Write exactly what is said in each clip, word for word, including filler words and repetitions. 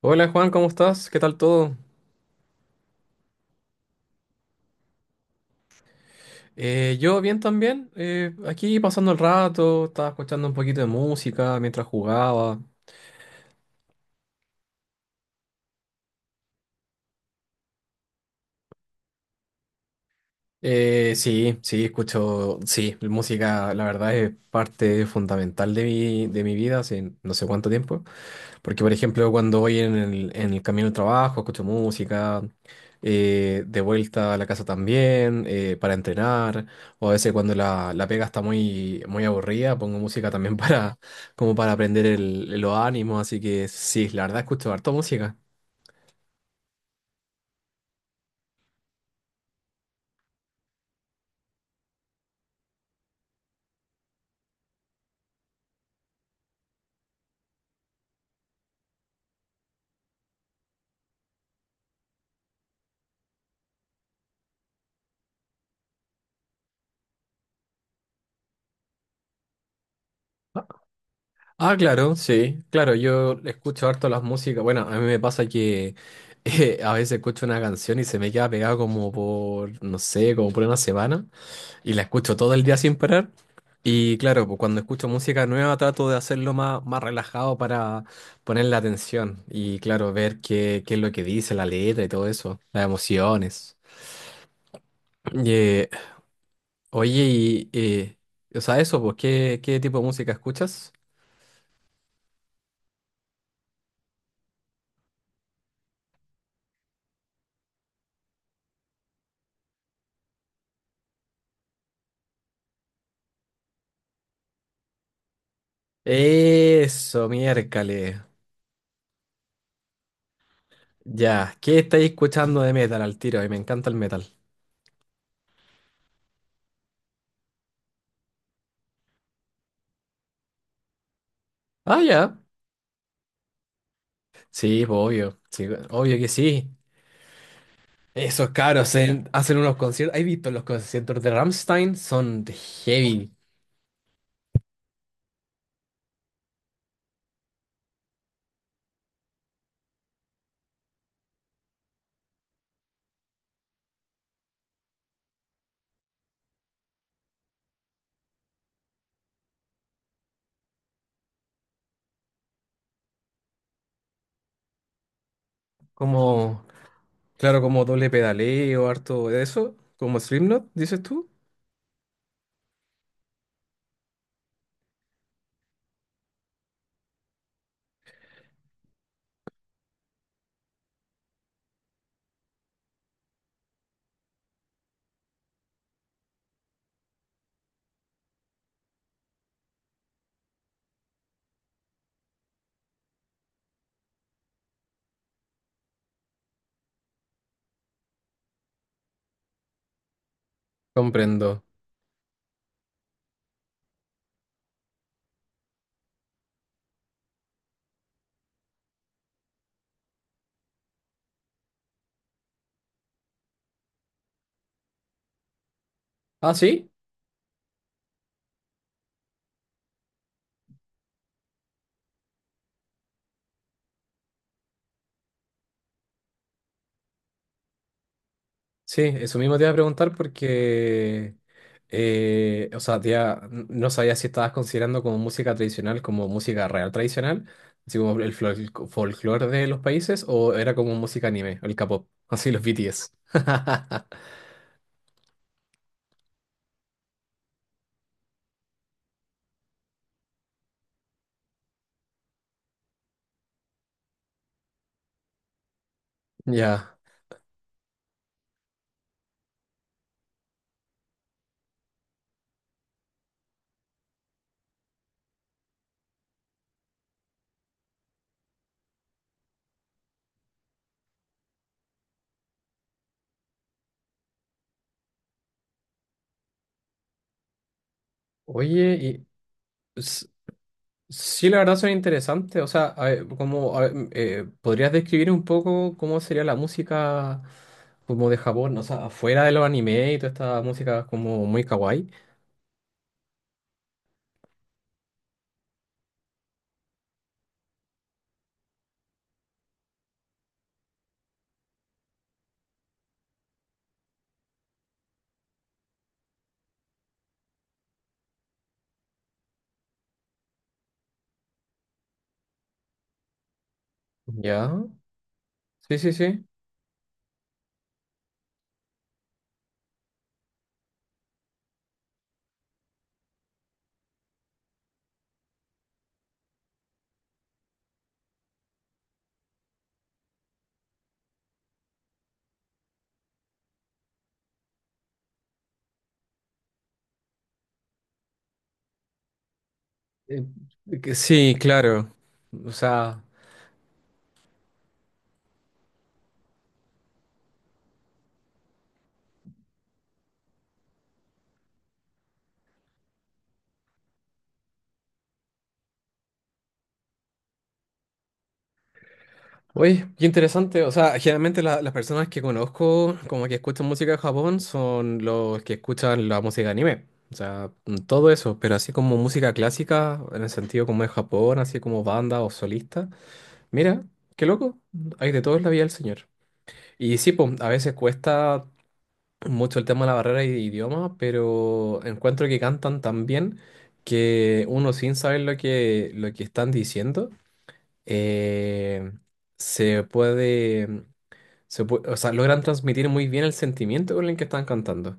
Hola Juan, ¿cómo estás? ¿Qué tal todo? Eh, yo bien también, eh, aquí pasando el rato, estaba escuchando un poquito de música mientras jugaba. Eh, sí, sí, escucho, sí, la música, la verdad es parte fundamental de mi, de mi vida hace no sé cuánto tiempo, porque por ejemplo cuando voy en el, en el camino al trabajo escucho música, eh, de vuelta a la casa también, eh, para entrenar, o a veces cuando la, la pega está muy, muy aburrida pongo música también para, como para aprender el, los ánimos, así que sí, la verdad escucho harto música. Ah, claro, sí, claro, yo escucho harto las músicas. Bueno, a mí me pasa que eh, a veces escucho una canción y se me queda pegada como por, no sé, como por una semana y la escucho todo el día sin parar. Y claro, pues cuando escucho música nueva trato de hacerlo más, más relajado para ponerle atención y claro, ver qué, qué es lo que dice la letra y todo eso, las emociones. Y, eh, oye, y, eh, o sea, eso, pues, ¿qué, qué tipo de música escuchas? Eso, miércoles. Ya, ¿qué estáis escuchando de metal al tiro? Y me encanta el metal. Ah, ya. Sí, pues, obvio. Sí, obvio que sí. Esos cabros en- hacen unos conciertos. ¿Has visto los conciertos de Rammstein? Son de heavy. Como, claro, como doble pedaleo, harto de eso. Como Slipknot, dices tú. Comprendo. Ah, sí. Sí, eso mismo te iba a preguntar porque, eh, o sea, te iba- n- no sabía si estabas considerando como música tradicional, como música real tradicional, así como el folclore de los países, o era como música anime, el K-pop, así los B T S. Ya. Oye, y s- sí, la verdad son interesantes. O sea, a ver, como, a ver, m- eh, ¿podrías describir un poco cómo sería la música como de Japón? O sea, afuera de los anime y toda esta música como muy kawaii. Ya. Sí, sí, sí. Eh, que sí, claro. O sea, oye, qué interesante. O sea, generalmente la- las personas que conozco como que escuchan música de Japón son los que escuchan la música anime. O sea, mm, todo eso, pero así como música clásica, en el sentido como de Japón, así como banda o solista. Mira, qué loco. Hay de todo en la vida del señor. Y sí, pues, a veces cuesta mucho el tema de la barrera de idioma, pero encuentro que cantan tan bien que uno sin saber lo que, lo que están diciendo, eh, se puede, se pue- o sea, logran transmitir muy bien el sentimiento con el que están cantando.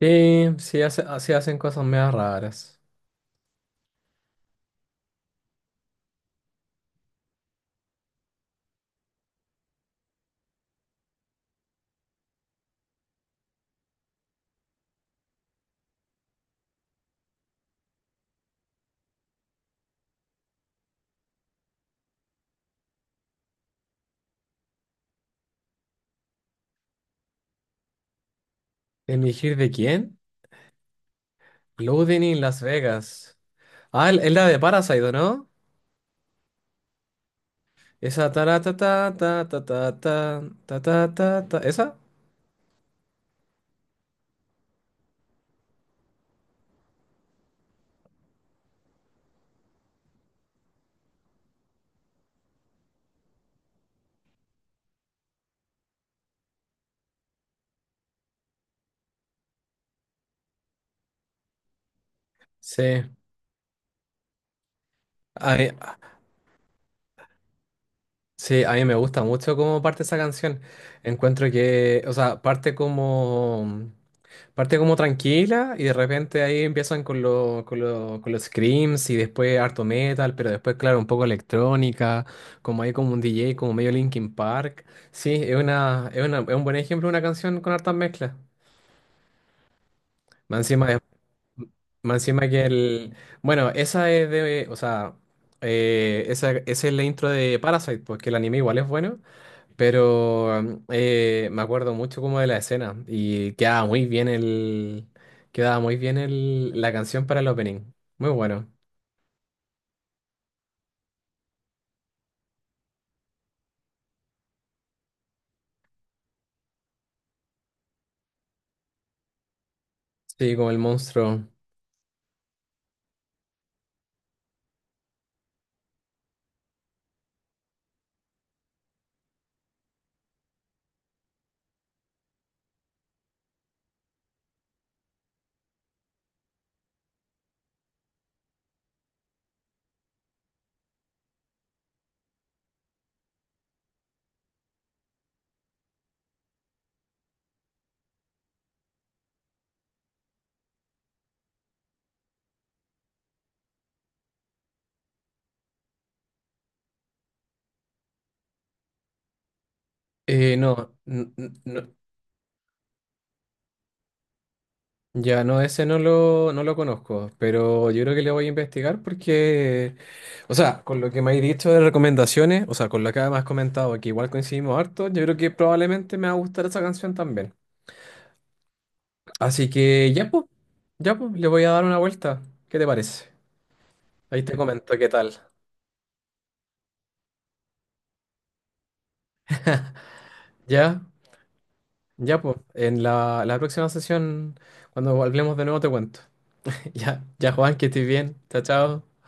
Sí, sí, hace- sí hacen cosas medio raras. ¿Elegir de quién? Loading in Las Vegas. Ah, el- es la de Parasite, ¿o ¿no? Esa ta ta ta ta ta ta ta ta ta ta ta- ¿Esa? Sí. A, mí, Sí, a mí me gusta mucho cómo parte esa canción. Encuentro que, o sea, parte como, parte como tranquila y de repente ahí empiezan con, lo- con, lo- con los screams y después harto metal, pero después, claro, un poco electrónica, como hay como un D J, como medio Linkin Park. Sí, es una, es una, es un buen ejemplo de una canción con hartas mezclas. Más encima es más encima que el. Bueno, esa es de. O sea, eh, esa, esa es la intro de Parasite, porque el anime igual es bueno. Pero mm, eh, me acuerdo mucho como de la escena y quedaba muy bien el, quedaba muy bien el, la canción para el opening. Muy bueno. Sí, como el monstruo. Eh, no, n- n- no, ya no, ese no lo, no lo conozco, pero yo creo que le voy a investigar porque, o sea, con lo que me has dicho de recomendaciones, o sea, con lo que además has comentado, que igual coincidimos harto, yo creo que probablemente me va a gustar esa canción también. Así que ya pues, ya pues, le voy a dar una vuelta. ¿Qué te parece? Ahí te comento qué tal. Ya, ya pues, en la, la próxima sesión, cuando hablemos de nuevo, te cuento. Ya, ya Juan, que estés bien. Chao, chao.